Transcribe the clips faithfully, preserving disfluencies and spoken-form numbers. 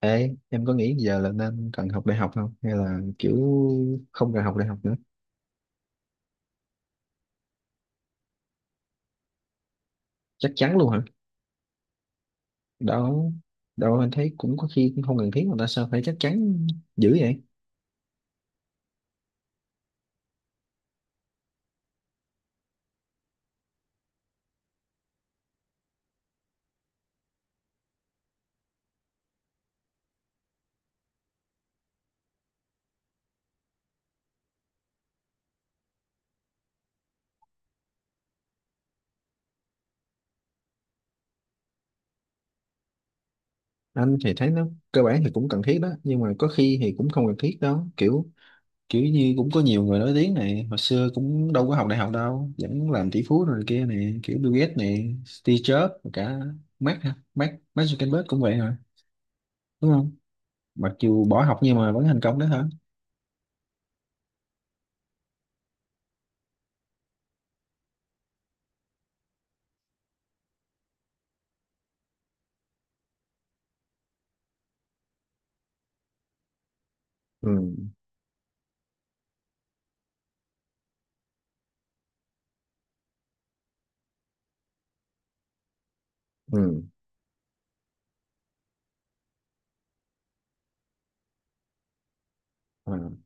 Ê, em có nghĩ giờ là nên cần học đại học không? Hay là kiểu không cần học đại học nữa? Chắc chắn luôn hả? Đâu, đâu anh thấy cũng có khi cũng không cần thiết mà ta sao phải chắc chắn dữ vậy? Anh thì thấy nó cơ bản thì cũng cần thiết đó, nhưng mà có khi thì cũng không cần thiết đó. Kiểu kiểu như cũng có nhiều người nổi tiếng này, hồi xưa cũng đâu có học đại học đâu, vẫn làm tỷ phú rồi kia này, kiểu Bill Gates này, Steve Jobs, rồi cả Mark hả? Mark, Mark Zuckerberg cũng vậy hả? Đúng không? Mặc dù bỏ học nhưng mà vẫn thành công đó hả? Ừ, ừ.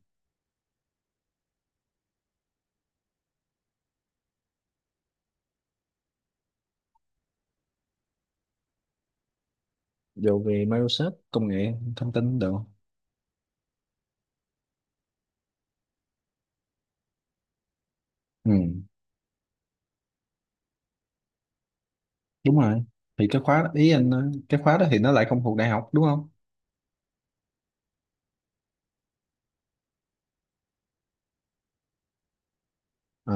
Dù về mai cờ rô sóp công nghệ thông tin được không? Ừ, đúng rồi. Thì cái khóa ý anh nói, cái khóa đó thì nó lại không thuộc đại học đúng không? Ờ,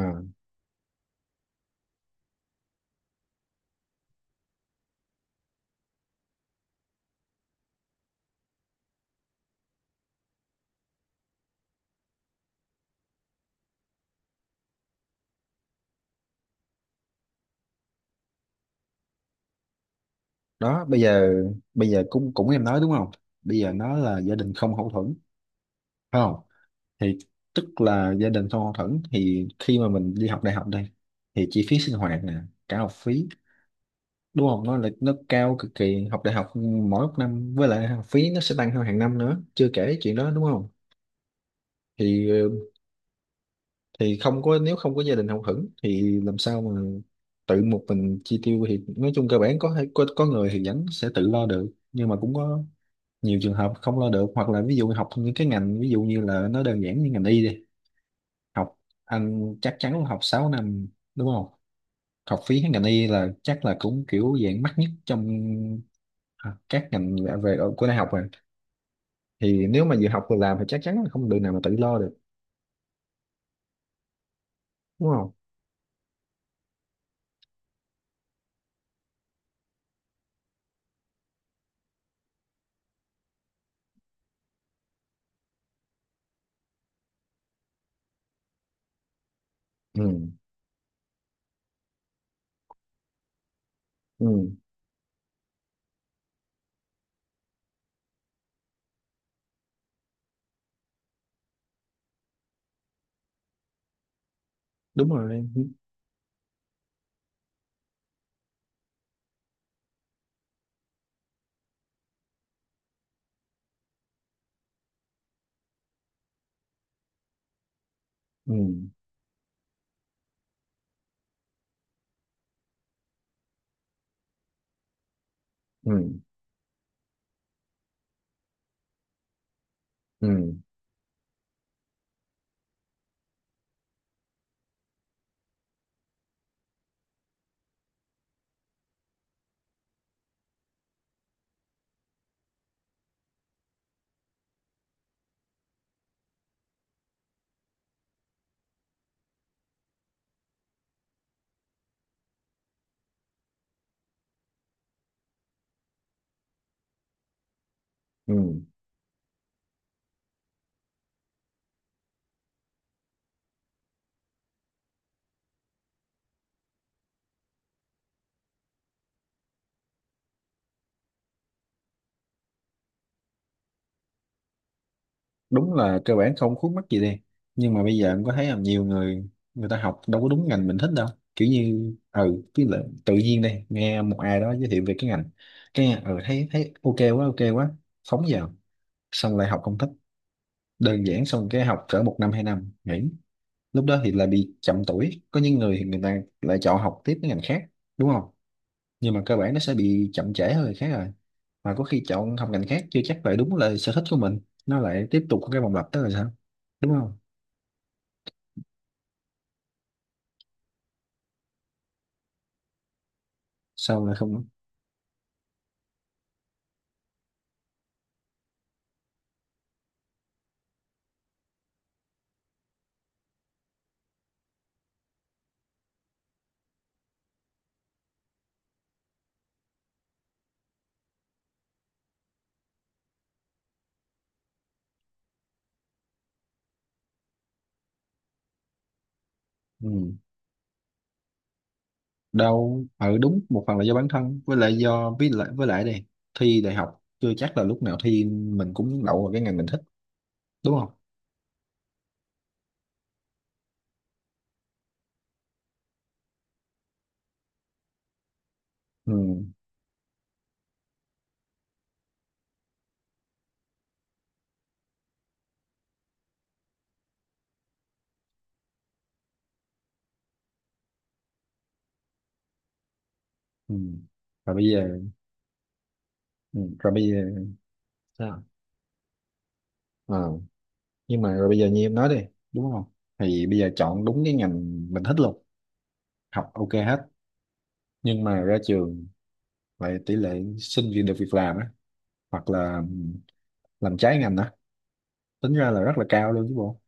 đó bây giờ bây giờ cũng cũng em nói đúng không? Bây giờ nó là gia đình không hậu thuẫn phải không? Thì tức là gia đình không hậu thuẫn thì khi mà mình đi học đại học đây thì chi phí sinh hoạt nè, cả học phí đúng không? Nó là nó cao cực kỳ học đại học mỗi một năm với lại học phí nó sẽ tăng theo hàng năm nữa, chưa kể chuyện đó đúng không? thì thì không có nếu không có gia đình hậu thuẫn thì làm sao mà tự một mình chi tiêu thì nói chung cơ bản có thể- có có người thì vẫn sẽ tự lo được nhưng mà cũng có nhiều trường hợp không lo được hoặc là ví dụ học những cái ngành ví dụ như là nó đơn giản như ngành y đi học anh chắc chắn là học sáu năm đúng không học phí ngành y là chắc là cũng kiểu dạng mắc nhất trong à, các ngành về về- của đại học rồi thì nếu mà vừa học vừa làm thì chắc chắn là không được nào mà tự lo được đúng không? Ừ, ừ, đúng rồi. Ừ, ừ, ừ. Ừ, ừ. Đúng là cơ bản không khuất mắc gì đi nhưng mà bây giờ em có thấy là nhiều người người ta học đâu có đúng ngành mình thích đâu kiểu như ừ cứ là tự nhiên đây nghe một ai đó giới thiệu về cái ngành cái nghe, ừ thấy thấy ok quá ok quá phóng vào xong lại học không thích đơn giản xong cái học cỡ một năm hai năm nghỉ lúc đó thì lại bị chậm tuổi có những người thì người ta lại chọn học tiếp cái ngành khác đúng không nhưng mà cơ bản nó sẽ bị chậm trễ hơn người khác rồi mà có khi chọn học ngành khác chưa chắc lại đúng là sở thích của mình nó lại tiếp tục cái vòng lặp đó là sao đúng không sao lại không? Ừ, đâu ừ đúng một phần là do bản thân với lại do với lại với lại đây thi đại học chưa chắc là lúc nào thi mình cũng đậu vào cái ngành mình thích đúng không? Ừ. Ừ. Rồi bây giờ ừ. Rồi bây giờ sao? Ờ, nhưng mà rồi bây giờ như em nói đi đúng không thì bây giờ chọn đúng cái ngành mình thích luôn học ok hết nhưng mà ra trường vậy tỷ lệ sinh viên được việc làm á hoặc là làm trái ngành á tính ra là rất là cao luôn chứ bộ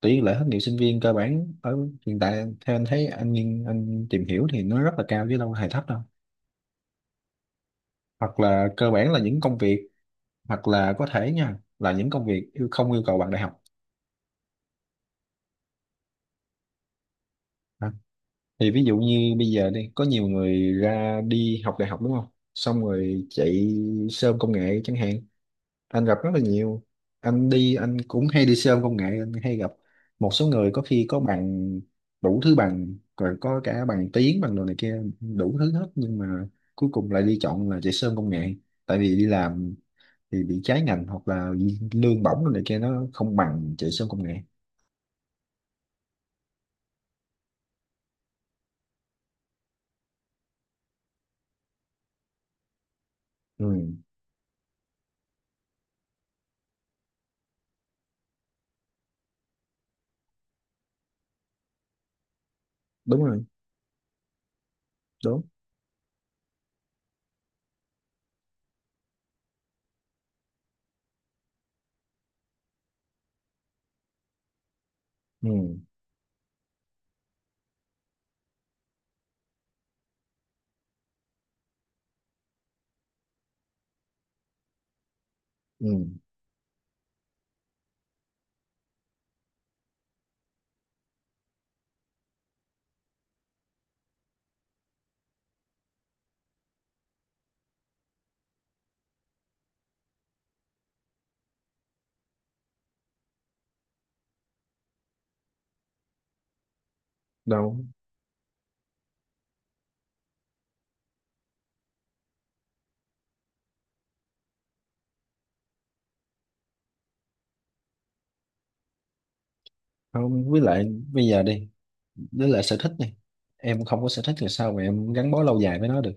tỷ lệ thất nghiệp sinh viên cơ bản ở hiện tại theo anh thấy anh nghiên- anh tìm hiểu thì nó rất là cao chứ đâu hề thấp đâu hoặc là cơ bản là những công việc hoặc là có thể nha là những công việc yêu- không yêu cầu bằng đại học. Ha. Thì ví dụ như bây giờ đi có nhiều người ra đi học đại học đúng không xong rồi chạy sơm công nghệ chẳng hạn anh gặp rất là nhiều anh đi anh cũng hay đi xe ôm công nghệ anh hay gặp một số người có khi có bằng đủ thứ bằng rồi có cả bằng tiếng bằng đồ này kia đủ thứ hết nhưng mà cuối cùng lại đi chọn là chạy xe ôm công nghệ tại vì đi làm thì bị trái ngành hoặc là lương bổng đồ này kia nó không bằng chạy xe ôm công nghệ. Ừ, đúng rồi. Đúng. Ừ, ừ. Đâu không với lại bây giờ đi với lại sở thích này em không có sở thích là sao mà em gắn bó lâu dài với nó được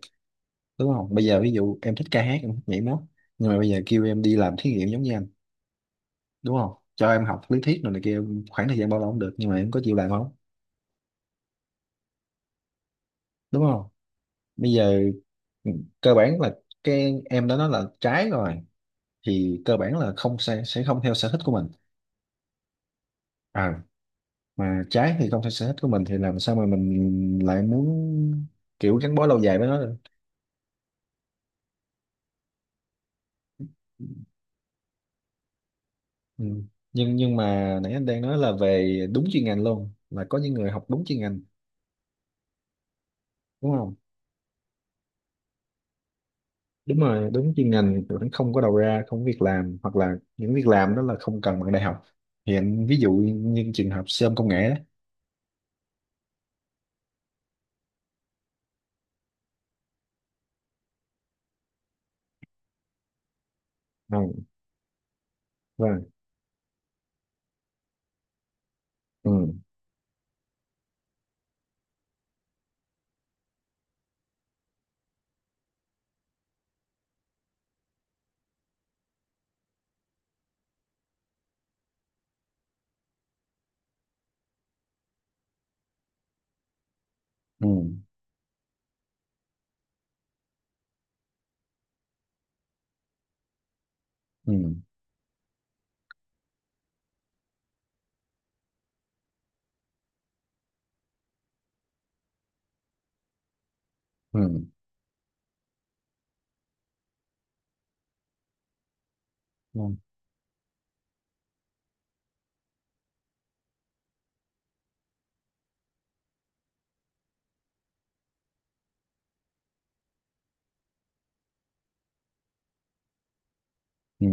đúng không bây giờ ví dụ em thích ca hát em thích nhảy múa nhưng mà bây giờ kêu em đi làm thí nghiệm giống như anh đúng không cho em học lý thuyết rồi này kia em- khoảng thời gian bao lâu cũng được nhưng mà em có chịu làm không đúng không bây giờ ừ, cơ bản là cái em đã nói là trái rồi thì cơ bản là không sẽ sẽ không theo sở thích của mình à mà trái thì không theo sở thích của mình thì làm sao mà mình lại muốn kiểu gắn bó lâu dài với nó được. Ừ. nhưng nhưng mà nãy anh đang nói là về đúng chuyên ngành luôn là có những người học đúng chuyên ngành đúng không đúng rồi đúng chuyên ngành tụi nó không có đầu ra không có việc làm hoặc là những việc làm đó là không cần bằng đại học hiện ví dụ như trường hợp sơm công nghệ. Đó, ừ, vâng. Ừ, ừ, ừ, ừ, ừ, ừ.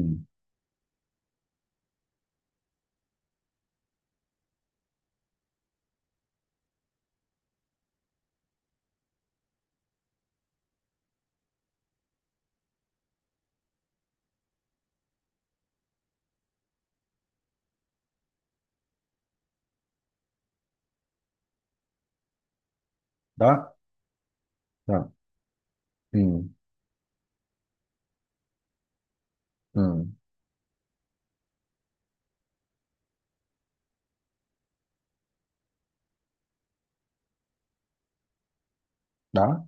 Đó rồi ừ, ừ. Đó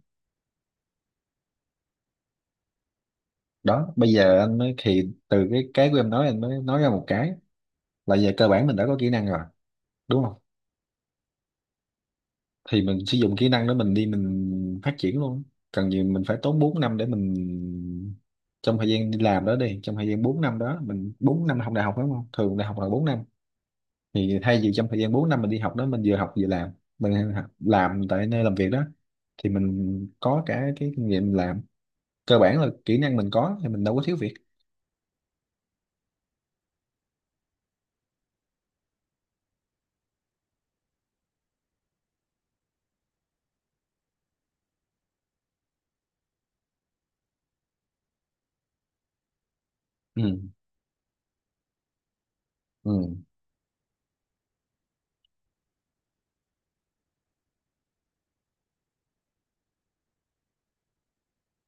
đó bây giờ anh mới thì từ cái cái của em nói anh mới nói ra một cái là về cơ bản mình đã có kỹ năng rồi đúng không thì mình sử dụng kỹ năng đó mình đi mình phát triển luôn cần gì mình phải tốn bốn năm để mình trong thời gian đi làm đó đi trong thời gian bốn năm đó mình bốn năm học đại học đúng không thường đại học là bốn năm thì thay vì trong thời gian bốn năm mình đi học đó mình vừa học vừa làm mình học- làm tại nơi làm việc đó thì mình có cả cái kinh nghiệm làm cơ bản là kỹ năng mình có thì mình đâu có thiếu việc. Ừ, ừ,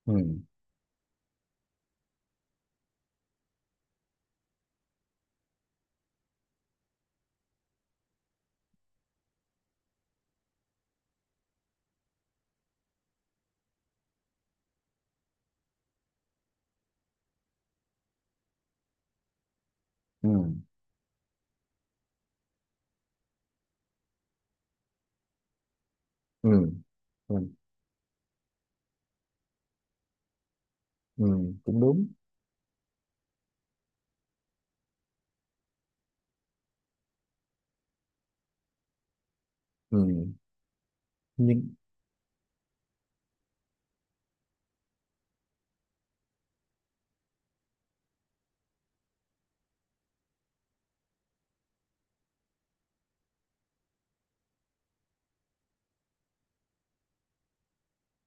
ừ, ừ, ừ, ừ, ừ. Cũng đúng ừ. Nhưng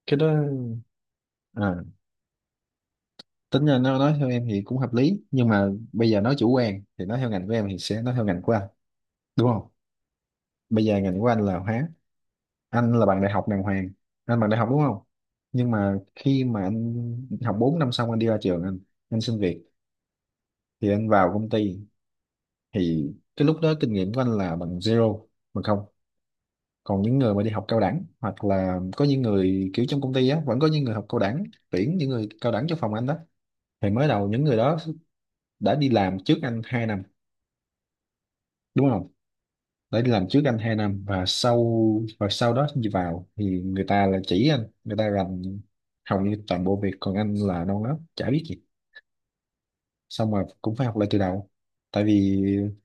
cái đó tính ra nó nói theo em thì cũng hợp lý nhưng mà bây giờ nói chủ quan thì nói theo ngành của em thì sẽ nói theo ngành của anh đúng không bây giờ ngành của anh là hóa anh là bằng đại học đàng hoàng anh bằng đại học đúng không nhưng mà khi mà anh học bốn năm xong anh đi ra trường anh anh xin việc thì anh vào công ty thì cái lúc đó kinh nghiệm của anh là bằng dê rô bằng không còn những người mà đi học cao đẳng hoặc là có những người kiểu trong công ty á vẫn có những người học cao đẳng tuyển những người cao đẳng cho phòng anh đó thì mới đầu những người đó đã đi làm trước anh hai năm đúng không để đi làm trước anh hai năm và sau và sau đó đi vào thì người ta là chỉ anh người ta làm hầu như toàn bộ việc còn anh là non lắm chả biết gì xong rồi cũng phải học lại từ đầu tại vì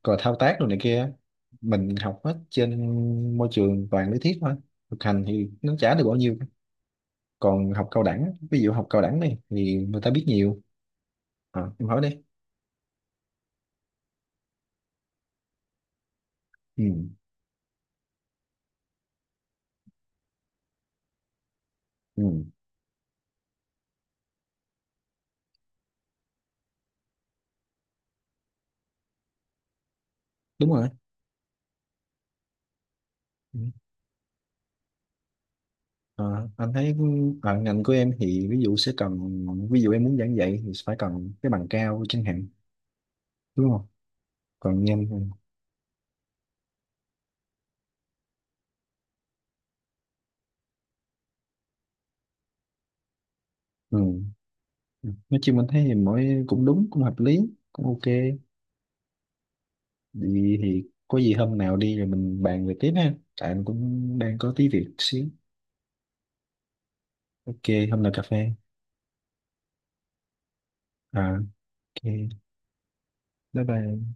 còn thao tác rồi này kia mình học hết trên môi trường toàn lý thuyết thôi thực hành thì nó chả được bao nhiêu còn học cao đẳng ví dụ học cao đẳng này thì người ta biết nhiều. À, em hỏi đi. Ừ, ừ, đúng rồi. Ừ. Ờ, anh thấy ở ngành của em thì ví dụ sẽ cần ví dụ em muốn giảng dạy thì phải cần cái bằng cao chẳng hạn đúng không còn nhanh ừ. Nói chung anh thấy thì mỗi cũng đúng cũng hợp lý cũng ok thì, thì có gì hôm nào đi rồi mình bàn về tiếp ha tại anh cũng đang có tí việc xíu ok hôm nào cà phê à, ok bye bye